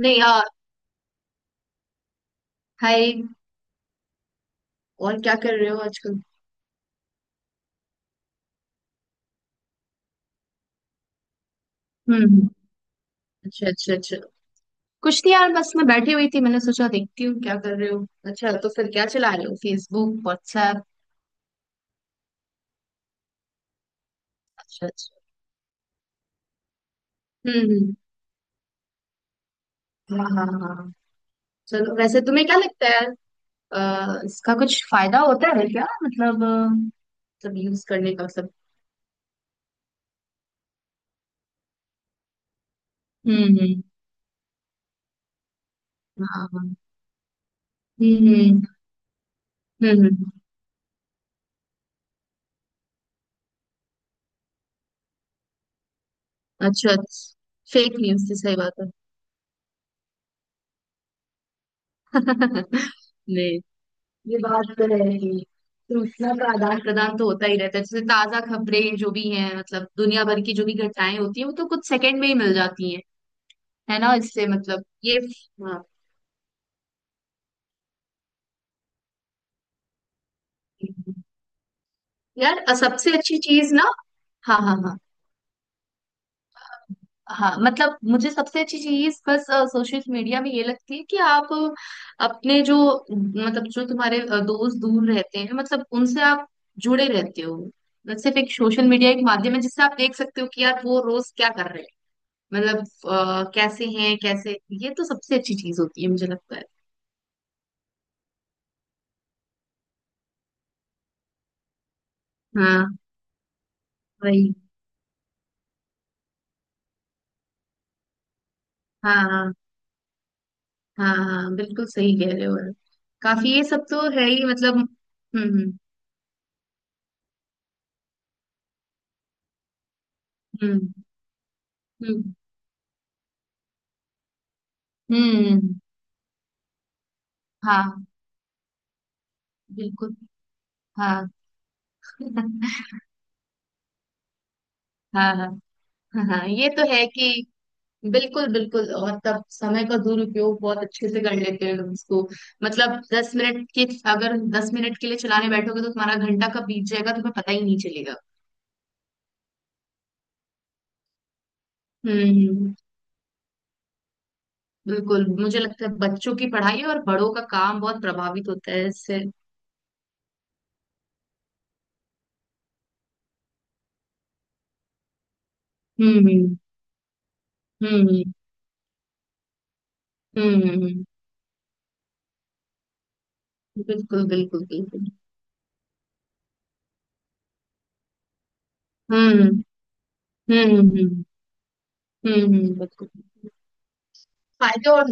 नहीं यार। हाय। और क्या कर रहे हो आजकल? हम्म। हम्म। अच्छा, अच्छा, अच्छा। कुछ नहीं यार, बस मैं बैठी हुई थी। मैंने सोचा देखती हूँ क्या कर रहे हो। अच्छा, तो फिर क्या चला रहे हो? Facebook, WhatsApp? अच्छा, अच्छा। हम्म। हम्म। हाँ, हाँ, हाँ। चलो, वैसे तुम्हें क्या लगता है यार? इसका कुछ फायदा होता है क्या? मतलब मतलब यूज करने का मतलब। हम्म। हम्म। हाँ, हाँ। हम्म। हम्म। हम्म। हम्म। अच्छा। फेक न्यूज थी, सही बात है। नहीं। ये बात तो है ही। सूचना का आदान प्रदान तो होता ही रहता है। जैसे ताजा खबरें जो भी हैं, मतलब दुनिया भर की जो भी घटनाएं होती हैं, वो तो कुछ सेकंड में ही मिल जाती हैं। है ना, इससे मतलब ये। हाँ। यार, सबसे अच्छी चीज ना। हाँ, हाँ, हाँ। हाँ, मतलब मुझे सबसे अच्छी चीज बस सोशल मीडिया में ये लगती है कि आप अपने जो, मतलब जो तुम्हारे दोस्त दूर रहते हैं, मतलब उनसे आप जुड़े रहते हो। सिर्फ एक सोशल मीडिया एक माध्यम है जिससे आप देख सकते हो कि यार वो रोज क्या कर रहे हैं, मतलब कैसे हैं, कैसे। ये तो सबसे अच्छी चीज होती है, मुझे लगता है। हाँ, वही। हाँ, हाँ, हाँ, हाँ, बिल्कुल सही कह रहे हो आप। काफी ये सब तो है ही, मतलब। हम्म। हम्म। हम्म। हम्म। हम्म। हाँ, बिल्कुल। हाँ। हाँ। हाँ, हाँ, ये तो है कि, बिल्कुल, बिल्कुल, और तब समय का दुरुपयोग बहुत अच्छे से कर लेते हैं लोग उसको। मतलब दस मिनट के अगर 10 मिनट के लिए चलाने बैठोगे तो तुम्हारा घंटा कब बीत जाएगा, तुम्हें पता ही नहीं चलेगा। हम्म। हम्म। बिल्कुल, मुझे लगता है बच्चों की पढ़ाई और बड़ों का काम बहुत प्रभावित होता है इससे। हम्म। हम्म। हम्म। हम्म। हम्म। बिल्कुल, बिल्कुल, बिल्कुल। हम्म। हम्म। हम्म। हम्म। हम्म। बिल्कुल। फायदे और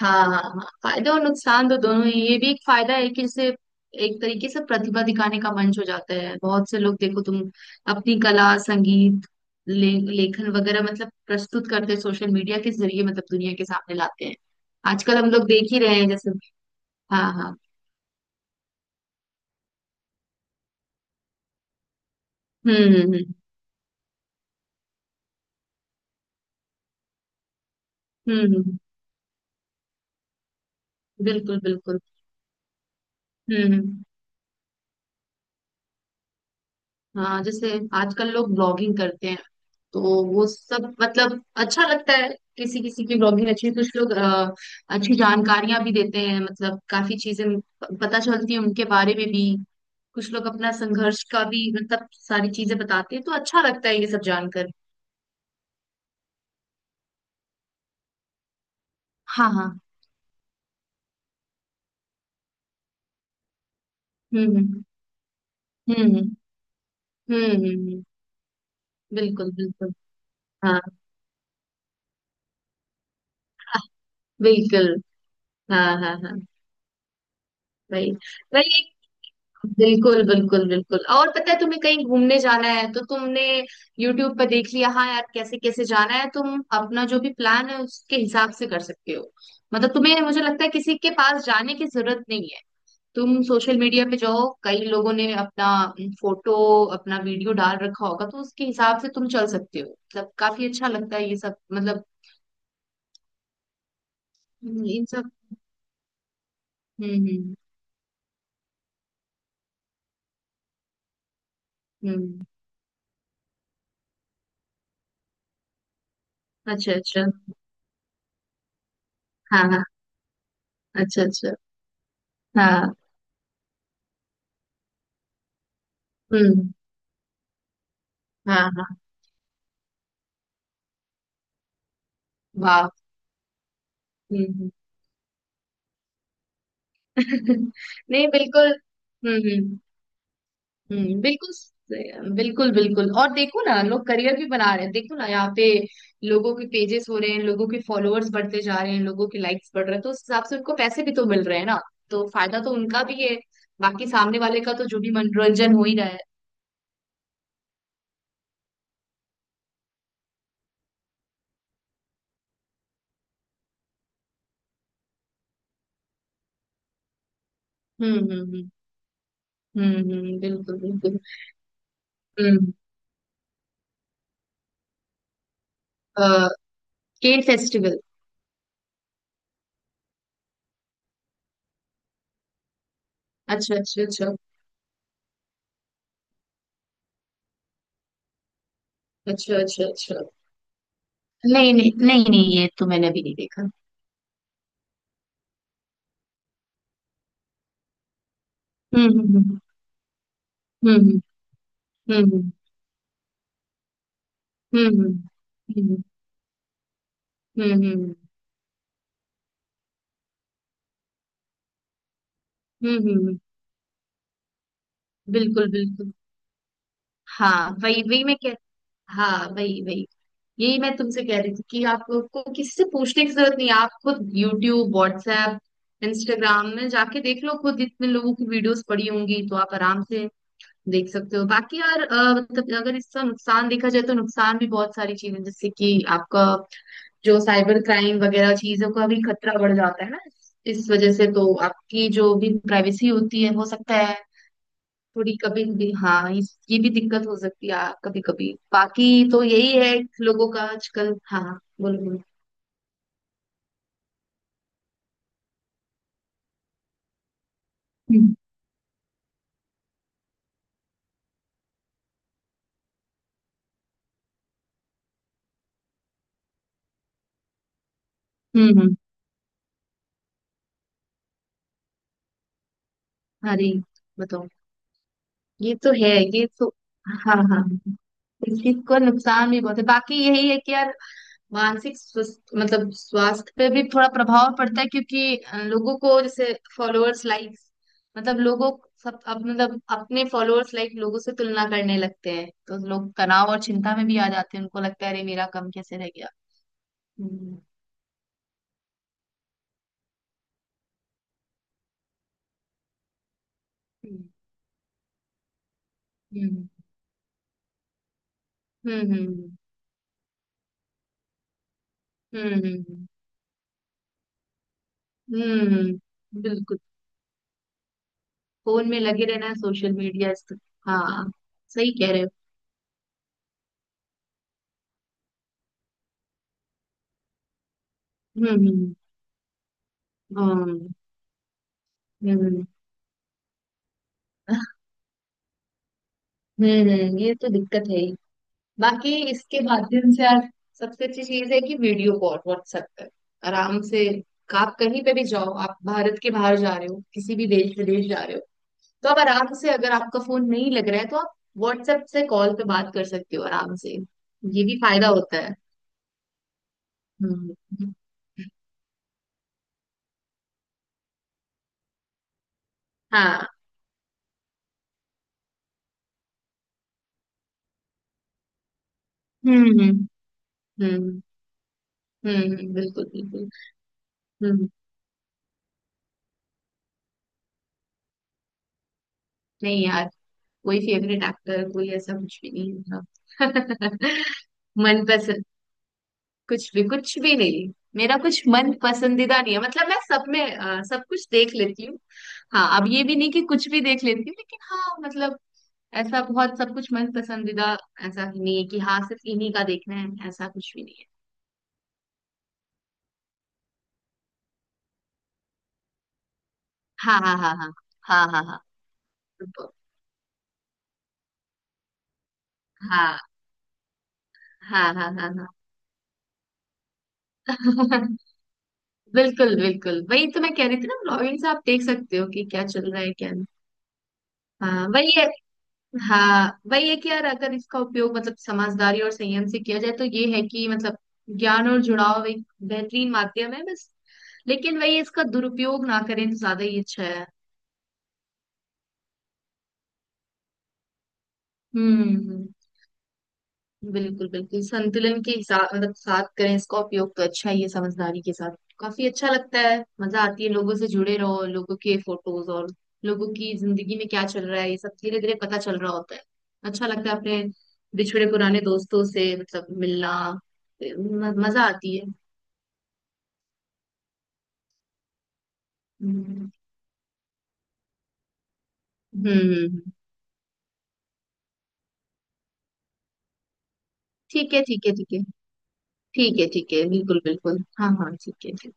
हाँ, हाँ, हाँ, फायदे और नुकसान तो दोनों ही ये भी एक फायदा है कि जैसे एक तरीके से प्रतिभा दिखाने का मंच हो जाता है, बहुत से लोग, देखो तुम अपनी कला, संगीत, ले, लेखन वगैरह मतलब प्रस्तुत करते हैं सोशल मीडिया के जरिए, मतलब दुनिया के सामने लाते हैं। आजकल हम लोग देख ही रहे हैं, जैसे। हाँ, हाँ। हम्म। हम्म। हम्म। हम्म। हम्म। बिल्कुल, बिल्कुल। हम्म। हम्म। हाँ, जैसे आजकल लोग ब्लॉगिंग करते हैं, तो वो सब मतलब अच्छा लगता है। किसी किसी की ब्लॉगिंग अच्छी, कुछ लोग अच्छी जानकारियां भी देते हैं, मतलब काफी चीजें पता चलती हैं उनके बारे में भी। कुछ लोग अपना संघर्ष का भी मतलब सारी चीजें बताते हैं, तो अच्छा लगता है ये सब जानकर। हाँ, हाँ। हम्म। हम्म। हम्म। हम्म। हम्म। हम्म। बिल्कुल, बिल्कुल। हाँ। बिल्कुल। हाँ, हाँ, हाँ, वही, वही। बिल्कुल, बिल्कुल, बिल्कुल। और पता है, तुम्हें कहीं घूमने जाना है तो तुमने YouTube पर देख लिया। हाँ यार, कैसे कैसे जाना है, तुम अपना जो भी प्लान है उसके हिसाब से कर सकते हो। मतलब तुम्हें, मुझे लगता है, किसी के पास जाने की जरूरत नहीं है। तुम सोशल मीडिया पे जाओ, कई लोगों ने अपना फोटो, अपना वीडियो डाल रखा होगा तो उसके हिसाब से तुम चल सकते हो, मतलब काफी अच्छा लगता है ये सब, मतलब। हम्म। इन सब। हम्म। हम्म। हम्म। अच्छा, अच्छा। हाँ, हाँ। अच्छा, अच्छा। हाँ। हम्म। हाँ, हाँ। वाह। हम्म। हम्म। नहीं, बिल्कुल। हम्म। हम्म। हम्म। बिल्कुल बिल्कुल, बिल्कुल, और देखो ना लोग करियर भी बना रहे हैं, देखो ना यहाँ पे लोगों के पेजेस हो रहे हैं, लोगों के फॉलोअर्स बढ़ते जा रहे हैं, लोगों के लाइक्स बढ़ रहे हैं, तो उस हिसाब से उनको पैसे भी तो मिल रहे हैं ना। तो फायदा तो उनका भी है। बाकी सामने वाले का तो जो भी मनोरंजन हो ही रहा है। हम्म। हम्म। हम्म। हम्म। हम्म। बिल्कुल, बिल्कुल। हम्म। अ, केन फेस्टिवल। अच्छा, अच्छा, अच्छा। अच्छा, अच्छा, अच्छा। नहीं, नहीं, नहीं, नहीं, ये तो मैंने अभी नहीं देखा। हम्म। हम्म। हम्म। हम्म। हम्म। हम्म। हम्म। हम्म। हम्म। हम्म। हम्म। हम्म। हम्म। बिल्कुल, बिल्कुल। हाँ, वही, वही मैं कह हाँ, वही, वही। यही मैं तुमसे कह रही थी कि आपको किसी से पूछने की जरूरत नहीं है। आप खुद यूट्यूब, व्हाट्सएप, इंस्टाग्राम में जाके देख लो, खुद इतने लोगों की वीडियोस पड़ी होंगी, तो आप आराम से देख सकते हो। बाकी यार मतलब अगर इसका नुकसान देखा जाए तो नुकसान भी बहुत सारी चीजें, जैसे कि आपका जो साइबर क्राइम वगैरह चीजों का भी खतरा बढ़ जाता है ना। इस वजह से तो आपकी जो भी प्राइवेसी होती है, हो सकता है थोड़ी कभी भी, हाँ, ये भी दिक्कत हो सकती है कभी कभी। बाकी तो यही है लोगों का आजकल। हाँ, हाँ, बोलो, बोलो। हम्म। हम्म। हम्म। अरे, बताओ। ये तो है, ये तो, हाँ, हाँ, इस चीज का नुकसान भी बहुत है। बाकी यही है कि यार मानसिक स्वस्थ मतलब स्वास्थ्य पे भी थोड़ा प्रभाव पड़ता है, क्योंकि लोगों को जैसे फॉलोअर्स, लाइक्स, मतलब लोगों, सब, अब मतलब अपने फॉलोअर्स, लाइक, लोगों से तुलना करने लगते हैं, तो लोग तनाव और चिंता में भी आ जाते हैं, उनको लगता है अरे मेरा कम कैसे रह गया। हम्म हम्म। हम्म। हम्म। हम्म। हम्म। हम्म। हम्म। बिल्कुल। फोन में लगे रहना है, सोशल मीडिया। हाँ। सही कह रहे हो। हम्म। हम्म। हाँ। हम्म। हम्म। ये तो दिक्कत है। बाकी इसके माध्यम से यार सबसे अच्छी चीज है कि वीडियो कॉल व्हाट्सएप पर आराम से, आप कहीं पे भी जाओ, आप भारत के बाहर जा रहे हो, किसी भी देश विदेश जा रहे हो, तो आप आराम से, अगर आपका फोन नहीं लग रहा है तो आप व्हाट्सएप से कॉल पे बात कर सकते हो आराम से, ये भी फायदा होता है। हम्म। हाँ। हम्म। हम्म। हम्म। हम्म। बिल्कुल, बिल्कुल। हम्म। नहीं यार, कोई फेवरेट एक्टर, कोई ऐसा कुछ भी नहीं है। मनपसंद कुछ भी, कुछ भी नहीं। मेरा कुछ मन पसंदीदा नहीं है, मतलब मैं सब में सब कुछ देख लेती हूँ। हाँ, अब ये भी नहीं कि कुछ भी देख लेती हूँ, लेकिन हाँ, मतलब ऐसा बहुत सब कुछ मन पसंदीदा। ऐसा ही नहीं है कि हाँ सिर्फ इन्हीं का देखना है, ऐसा कुछ भी नहीं है। हाँ, हाँ, हाँ, हाँ, हाँ, हाँ, हाँ। ब- हाँ, हाँ, हाँ, हाँ, हाँ। बिल्कुल, बिल्कुल, वही तो मैं कह रही थी ना, ब्लॉगिंग से आप देख सकते हो कि क्या चल रहा है, क्या नहीं। हाँ, वही है। हाँ, वही है कि यार अगर इसका उपयोग मतलब समझदारी और संयम से किया जाए तो ये है कि, मतलब ज्ञान और जुड़ाव एक बेहतरीन माध्यम है, बस। लेकिन वही इसका दुरुपयोग ना करें तो ज्यादा ही अच्छा है। हम्म। बिल्कुल, बिल्कुल, संतुलन के हिसाब मतलब साथ करें इसका उपयोग तो अच्छा ही है, समझदारी के साथ काफी अच्छा लगता है, मजा आती है, लोगों से जुड़े रहो, लोगों के फोटोज और लोगों की जिंदगी में क्या चल रहा है, ये सब धीरे धीरे पता चल रहा होता है। अच्छा लगता है अपने बिछड़े पुराने दोस्तों से मतलब मिलना, मजा आती है। हम्म। हम्म। हम्म। हम्म। ठीक है, ठीक है, ठीक है। ठीक है, ठीक है, बिल्कुल, बिल्कुल, हाँ, हाँ, ठीक है, ठीक है।